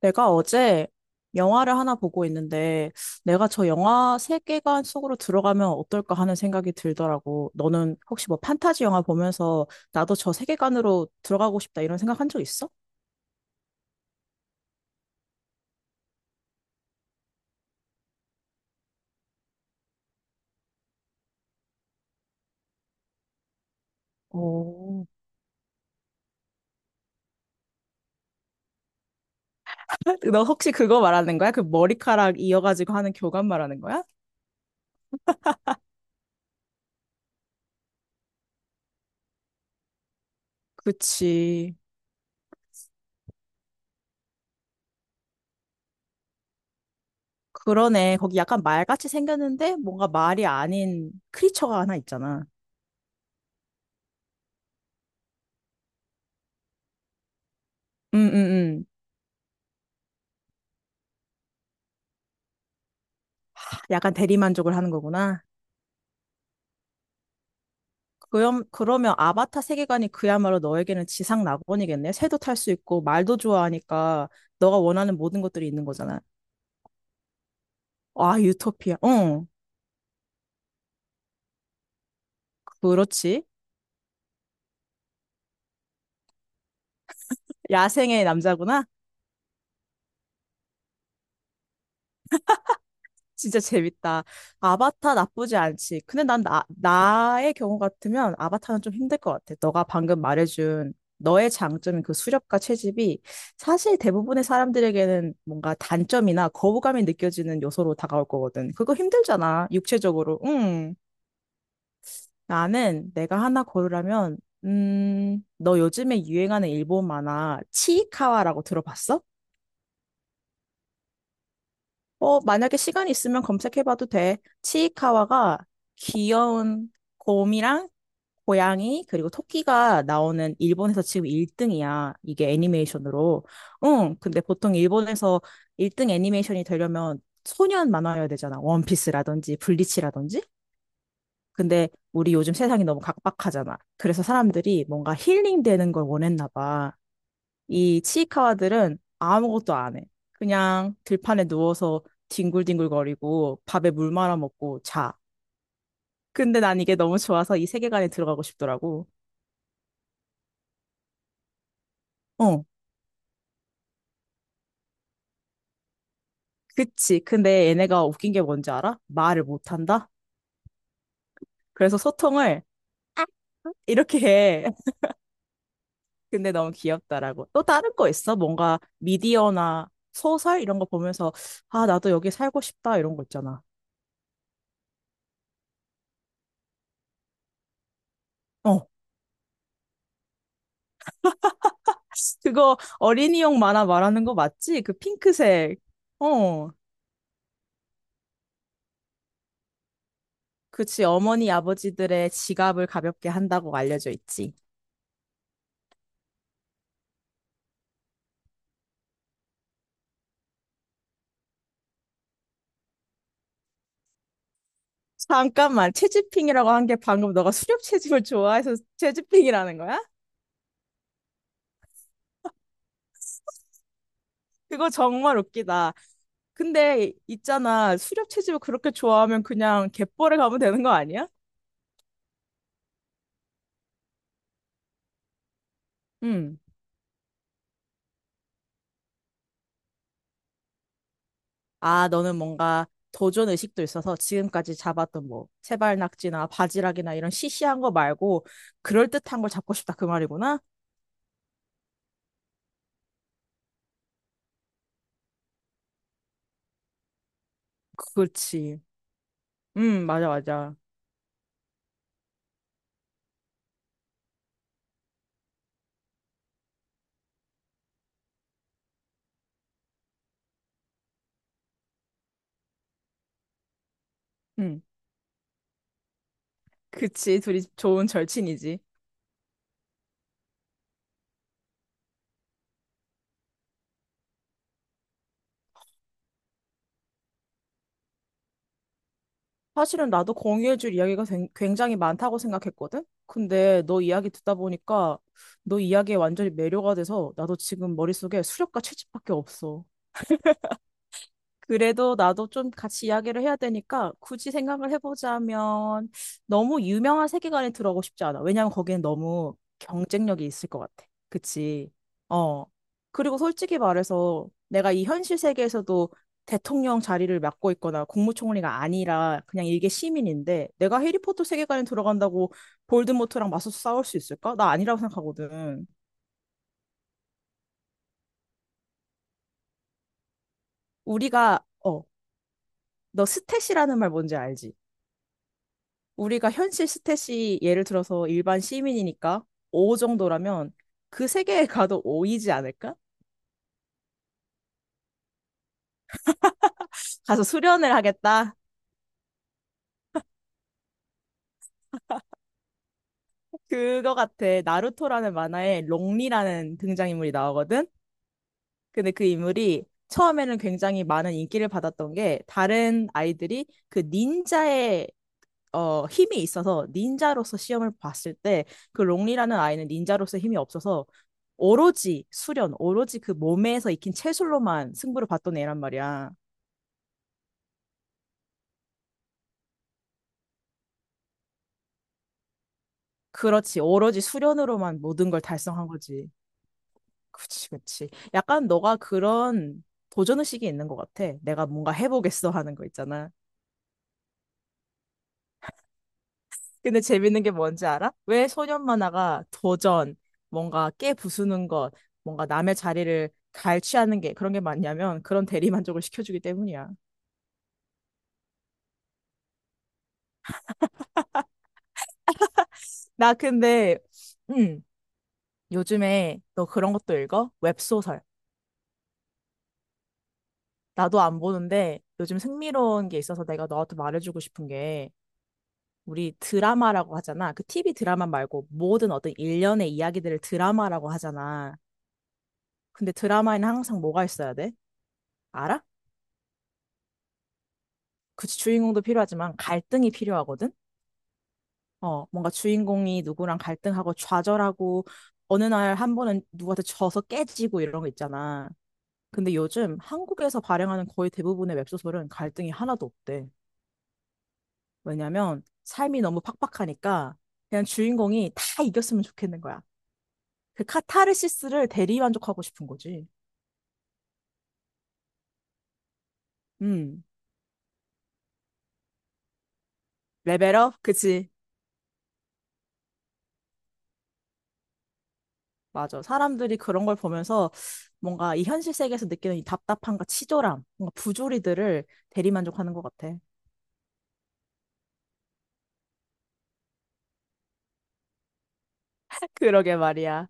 내가 어제 영화를 하나 보고 있는데, 내가 저 영화 세계관 속으로 들어가면 어떨까 하는 생각이 들더라고. 너는 혹시 뭐 판타지 영화 보면서 나도 저 세계관으로 들어가고 싶다 이런 생각 한 적 있어? 오. 너 혹시 그거 말하는 거야? 그 머리카락 이어가지고 하는 교감 말하는 거야? 그치. 그러네. 거기 약간 말같이 생겼는데 뭔가 말이 아닌 크리처가 하나 있잖아. 응, 응, 응. 약간 대리만족을 하는 거구나. 그럼, 그러면 아바타 세계관이 그야말로 너에게는 지상 낙원이겠네. 새도 탈 수 있고 말도 좋아하니까 너가 원하는 모든 것들이 있는 거잖아. 와, 유토피아. 응, 그렇지. 야생의 남자구나. 진짜 재밌다. 아바타 나쁘지 않지. 근데 나의 경우 같으면 아바타는 좀 힘들 것 같아. 너가 방금 말해준 너의 장점인 그 수렵과 채집이 사실 대부분의 사람들에게는 뭔가 단점이나 거부감이 느껴지는 요소로 다가올 거거든. 그거 힘들잖아, 육체적으로. 응. 나는 내가 하나 고르라면, 너 요즘에 유행하는 일본 만화 치이카와라고 들어봤어? 어, 만약에 시간 이 있으면 검색해봐도 돼. 치이카와가 귀여운 곰이랑 고양이 그리고 토끼가 나오는 일본에서 지금 1등이야. 이게 애니메이션으로. 응, 근데 보통 일본에서 1등 애니메이션이 되려면 소년 만화여야 되잖아. 원피스라든지 블리치라든지. 근데 우리 요즘 세상이 너무 각박하잖아. 그래서 사람들이 뭔가 힐링되는 걸 원했나 봐. 이 치이카와들은 아무것도 안 해. 그냥 들판에 누워서 뒹굴뒹굴거리고 밥에 물 말아 먹고 자. 근데 난 이게 너무 좋아서 이 세계관에 들어가고 싶더라고. 어, 그치. 근데 얘네가 웃긴 게 뭔지 알아? 말을 못 한다? 그래서 소통을 이렇게 해. 근데 너무 귀엽다라고. 또 다른 거 있어? 뭔가 미디어나 소설 이런 거 보면서 아, 나도 여기 살고 싶다 이런 거 있잖아. 어. 그거 어린이용 만화 말하는 거 맞지? 그 핑크색. 어. 그치. 어머니 아버지들의 지갑을 가볍게 한다고 알려져 있지. 잠깐만. 채집핑이라고 한 게 방금 너가 수렵 채집을 좋아해서 채집핑이라는 거야? 그거 정말 웃기다. 근데 있잖아. 수렵 채집을 그렇게 좋아하면 그냥 갯벌에 가면 되는 거 아니야? 응. 아, 너는 뭔가 도전 의식도 있어서 지금까지 잡았던 뭐 세발낙지나 바지락이나 이런 시시한 거 말고 그럴듯한 걸 잡고 싶다 그 말이구나? 그렇지. 응, 맞아, 맞아. 응. 그치, 둘이 좋은 절친이지. 사실은 나도 공유해줄 굉장히 많다고 생각했거든? 근데 너 이야기 듣다 보니까 너 이야기에 완전히 매료가 돼서 나도 지금 머릿속에 수렵과 채집밖에 없어. 그래도 나도 좀 같이 이야기를 해야 되니까 굳이 생각을 해보자면 너무 유명한 세계관에 들어가고 싶지 않아. 왜냐면 거기는 너무 경쟁력이 있을 것 같아. 그치? 어. 그리고 솔직히 말해서 내가 이 현실 세계에서도 대통령 자리를 맡고 있거나 국무총리가 아니라 그냥 일개 시민인데 내가 해리포터 세계관에 들어간다고 볼드모트랑 맞서서 싸울 수 있을까? 나 아니라고 생각하거든. 우리가 어, 너 스탯이라는 말 뭔지 알지? 우리가 현실 스탯이 예를 들어서 일반 시민이니까 5 정도라면 그 세계에 가도 5이지 않을까? 가서 수련을 하겠다. 그거 같아. 나루토라는 만화에 롱리라는 등장인물이 나오거든. 근데 그 인물이 처음에는 굉장히 많은 인기를 받았던 게 다른 아이들이 그 닌자의 힘이 있어서 닌자로서 시험을 봤을 때 그 롱리라는 아이는 닌자로서 힘이 없어서 오로지 수련, 오로지 그 몸에서 익힌 체술로만 승부를 봤던 애란 말이야. 그렇지. 오로지 수련으로만 모든 걸 달성한 거지. 그치, 그치. 약간 너가 그런 도전 의식이 있는 것 같아. 내가 뭔가 해보겠어 하는 거 있잖아. 근데 재밌는 게 뭔지 알아? 왜 소년 만화가 도전, 뭔가 깨 부수는 것, 뭔가 남의 자리를 갈취하는 게 그런 게 많냐면 그런 대리만족을 시켜주기 때문이야. 나 근데, 음, 요즘에 너 그런 것도 읽어? 웹소설. 나도 안 보는데 요즘 흥미로운 게 있어서 내가 너한테 말해주고 싶은 게 우리 드라마라고 하잖아. 그 TV 드라마 말고 모든 어떤 일련의 이야기들을 드라마라고 하잖아. 근데 드라마에는 항상 뭐가 있어야 돼? 알아? 그치, 주인공도 필요하지만 갈등이 필요하거든? 어, 뭔가 주인공이 누구랑 갈등하고 좌절하고 어느 날 한 번은 누구한테 져서 깨지고 이런 거 있잖아. 근데 요즘 한국에서 발행하는 거의 대부분의 웹소설은 갈등이 하나도 없대. 왜냐면 삶이 너무 팍팍하니까 그냥 주인공이 다 이겼으면 좋겠는 거야. 그 카타르시스를 대리만족하고 싶은 거지. 음, 레벨업? 그치. 맞아. 사람들이 그런 걸 보면서 뭔가 이 현실 세계에서 느끼는 이 답답함과 치졸함, 뭔가 부조리들을 대리만족하는 것 같아. 그러게 말이야.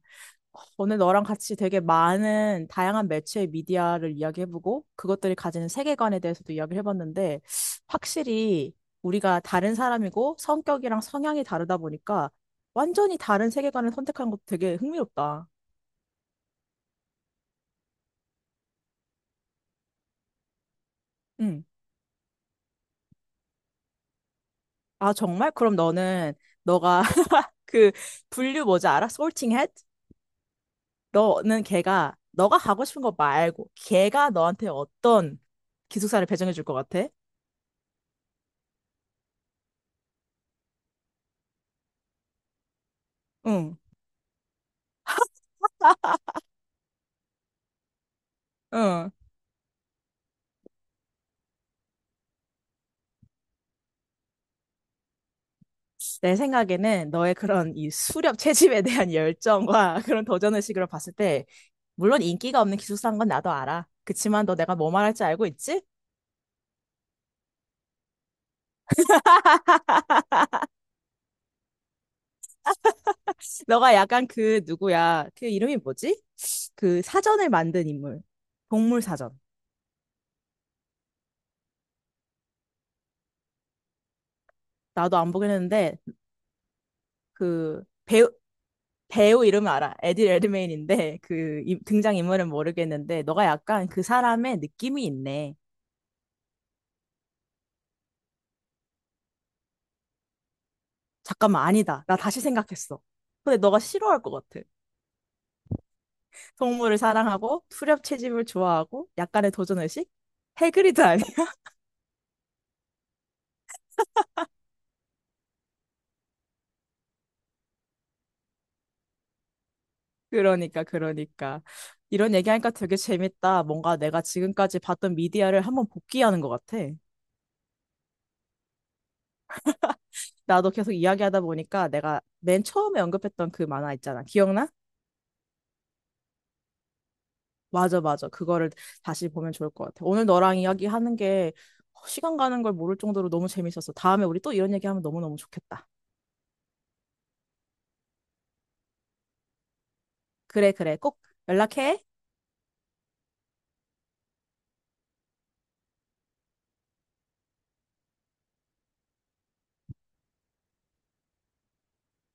오늘 너랑 같이 되게 많은 다양한 매체의 미디어를 이야기해보고 그것들이 가지는 세계관에 대해서도 이야기를 해봤는데 확실히 우리가 다른 사람이고 성격이랑 성향이 다르다 보니까 완전히 다른 세계관을 선택한 것도 되게 흥미롭다. 응. 아, 정말? 그럼 너는 너가 그 분류 뭐지 알아? Sorting Hat? 너는 걔가 너가 가고 싶은 거 말고 걔가 너한테 어떤 기숙사를 배정해 줄 것 같아? 응, 응. 내 생각에는 너의 그런 이 수렵 채집에 대한 열정과 그런 도전의식으로 봤을 때, 물론 인기가 없는 기숙사인 건 나도 알아. 그치만 너 내가 뭐 말할지 알고 있지? 너가 약간 그 누구야? 그 이름이 뭐지? 그 사전을 만든 인물. 동물 사전. 나도 안 보긴 했는데, 그 배우, 배우 이름은 알아. 에디 레드메인인데 등장인물은 모르겠는데 너가 약간 그 사람의 느낌이 있네. 잠깐만 아니다. 나 다시 생각했어. 근데 너가 싫어할 것 같아. 동물을 사랑하고 투렵 채집을 좋아하고 약간의 도전의식? 해그리드 아니? 그러니까 그러니까. 이런 얘기하니까 되게 재밌다. 뭔가 내가 지금까지 봤던 미디어를 한번 복귀하는 것 같아. 나도 계속 이야기하다 보니까 내가 맨 처음에 언급했던 그 만화 있잖아. 기억나? 맞아, 맞아. 그거를 다시 보면 좋을 것 같아. 오늘 너랑 이야기하는 게 시간 가는 걸 모를 정도로 너무 재밌었어. 다음에 우리 또 이런 얘기하면 너무너무 좋겠다. 그래, 그래. 꼭 연락해.